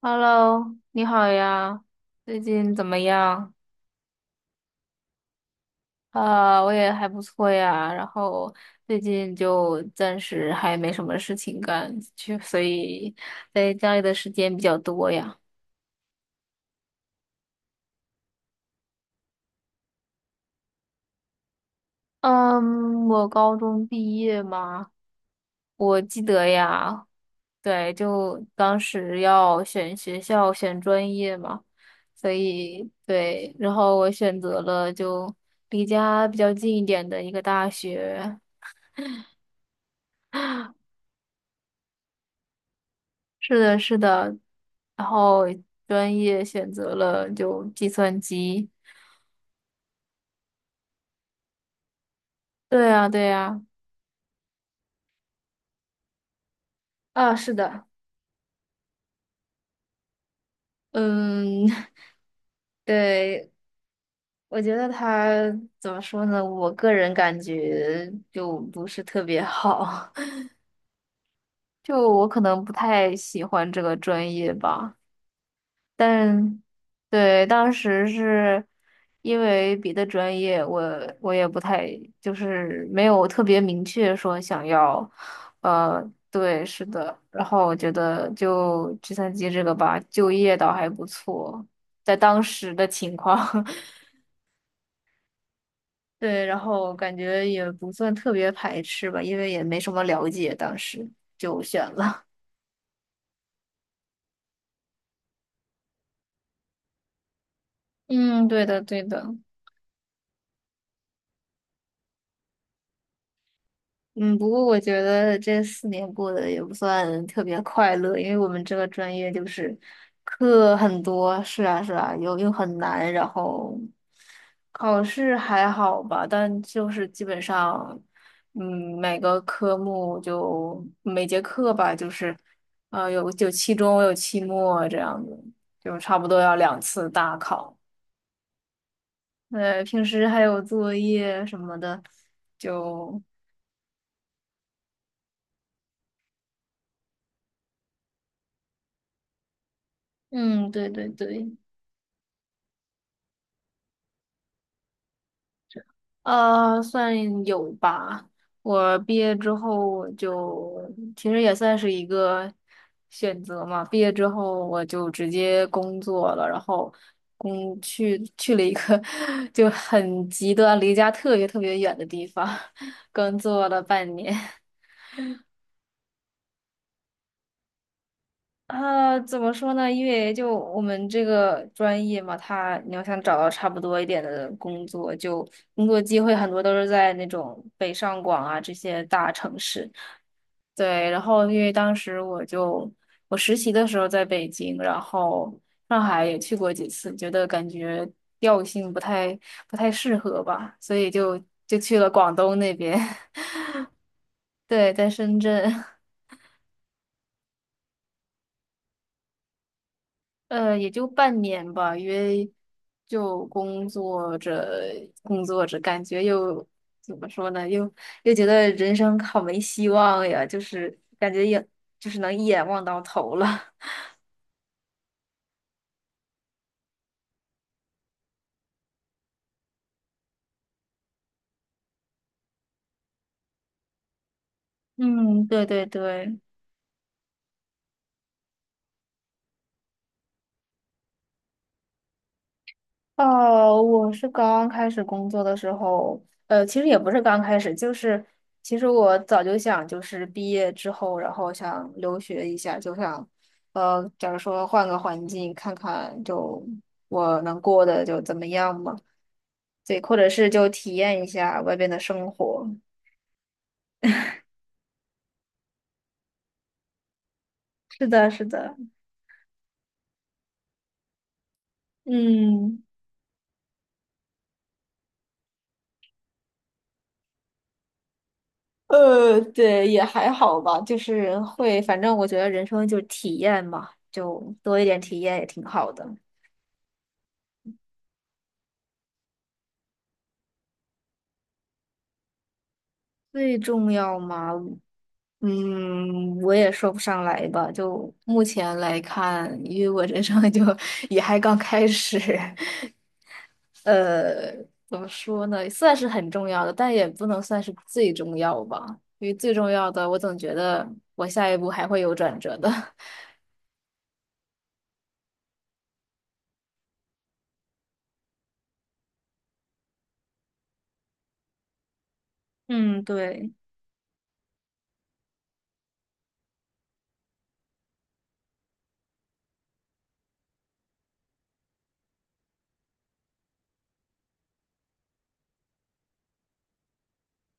Hello，你好呀，最近怎么样？啊，我也还不错呀，然后最近就暂时还没什么事情干，就所以在家里的时间比较多呀。嗯，我高中毕业嘛，我记得呀，对，就当时要选学校、选专业嘛，所以对，然后我选择了就离家比较近一点的一个大学。是的，是的，然后专业选择了就计算机。对呀，对呀，啊，是的，嗯，对，我觉得他怎么说呢？我个人感觉就不是特别好，就我可能不太喜欢这个专业吧。但对，当时是因为别的专业我也不太就是没有特别明确说想要，呃，对，是的。然后我觉得就计算机这个吧，就业倒还不错，在当时的情况，对，然后感觉也不算特别排斥吧，因为也没什么了解，当时就选了。嗯，对的，对的。嗯，不过我觉得这四年过得也不算特别快乐，因为我们这个专业就是课很多，是啊是啊，又很难，然后考试还好吧，但就是基本上，嗯，每个科目就每节课吧，就是有期中有期末这样子，就差不多要两次大考，平时还有作业什么的，就嗯，对对对。算有吧。我毕业之后我就其实也算是一个选择嘛。毕业之后我就直接工作了，然后去了一个 就很极端、离家特别特别远的地方，工作了半年。啊，怎么说呢？因为就我们这个专业嘛，它你要想找到差不多一点的工作，就工作机会很多都是在那种北上广啊这些大城市。对，然后因为当时我实习的时候在北京，然后上海也去过几次，觉得感觉调性不太适合吧，所以就去了广东那边。对，在深圳，也就半年吧，因为就工作着工作着，感觉又怎么说呢，又觉得人生好没希望呀，就是感觉也就是能一眼望到头了。嗯，对对对。哦，我是刚开始工作的时候，其实也不是刚开始，就是其实我早就想，就是毕业之后，然后想留学一下，就想，假如说换个环境看看，就我能过得就怎么样嘛，对，或者是就体验一下外边的生活。是的，是的，嗯。对，也还好吧，就是会，反正我觉得人生就是体验嘛，就多一点体验也挺好的。最重要吗？嗯，我也说不上来吧。就目前来看，因为我人生就 也还刚开始，呃，怎么说呢？算是很重要的，但也不能算是最重要吧。因为最重要的，我总觉得我下一步还会有转折的。嗯，对，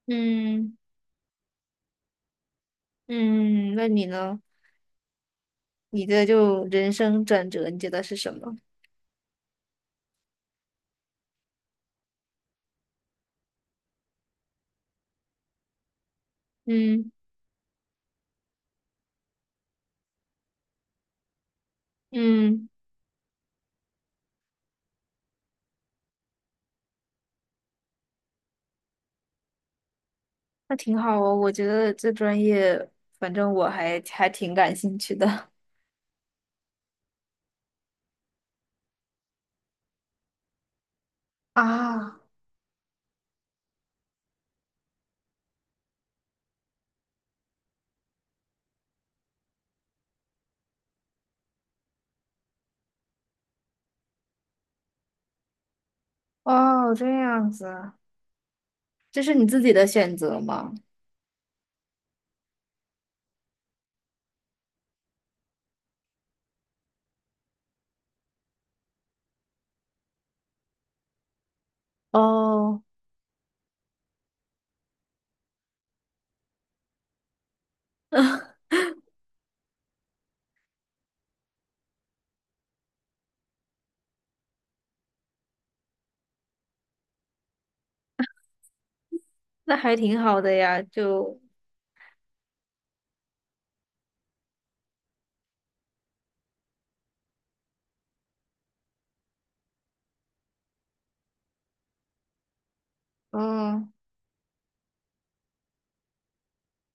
嗯嗯，那你呢？你的就人生转折，你觉得是什么？嗯嗯。那挺好哦，我觉得这专业，反正我还挺感兴趣的。啊，哦，这样子，这是你自己的选择吗？哦，那还挺好的呀，就嗯，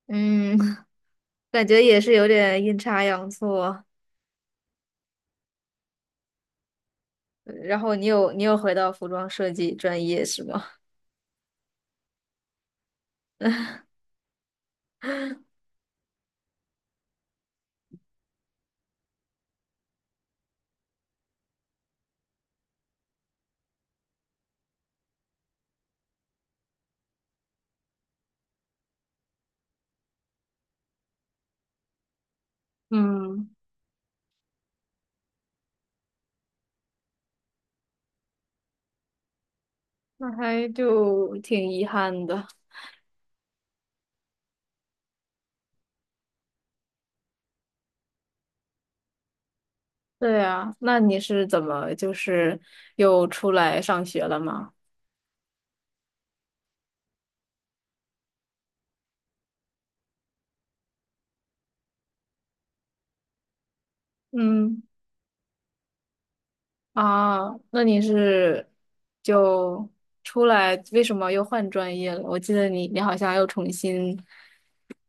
嗯，感觉也是有点阴差阳错。然后你有回到服装设计专业是吗？嗯，那还就挺遗憾的。对啊，那你是怎么就是又出来上学了吗？嗯啊，那你是就出来，为什么又换专业了？我记得你好像又重新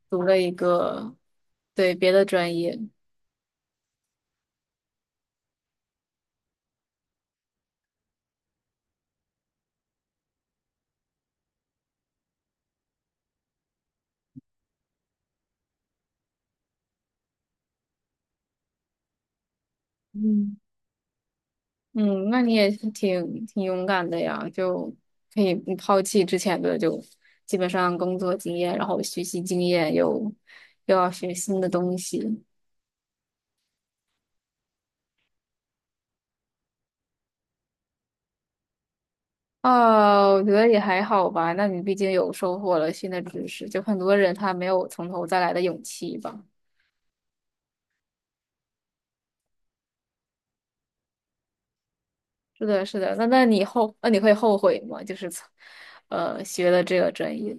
读了一个，对，别的专业。嗯。嗯，那你也是挺勇敢的呀，就可以不抛弃之前的就基本上工作经验，然后学习经验，又要学新的东西。哦，我觉得也还好吧。那你毕竟有收获了新的知识，就很多人他没有从头再来的勇气吧。是的，是的。那你会后悔吗？就是从学了这个专业。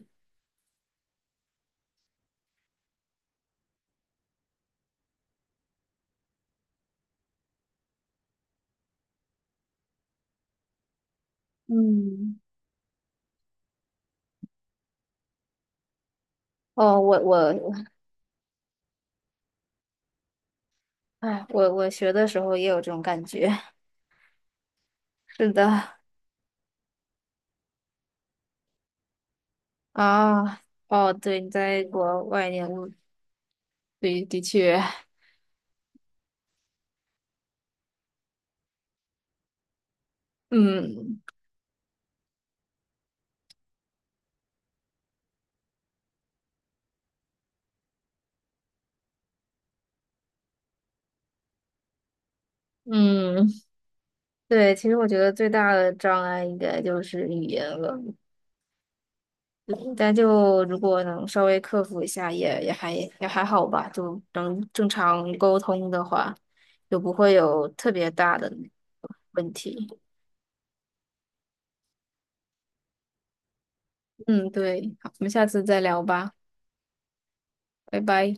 嗯，哦，我我我，哎，我学的时候也有这种感觉。是的，啊，哦，对，你在国外念物，对，的确，嗯嗯，对，其实我觉得最大的障碍应该就是语言了。嗯但就如果能稍微克服一下也，也还好吧，就能正常沟通的话，就不会有特别大的问题。嗯，对，好，我们下次再聊吧，拜拜。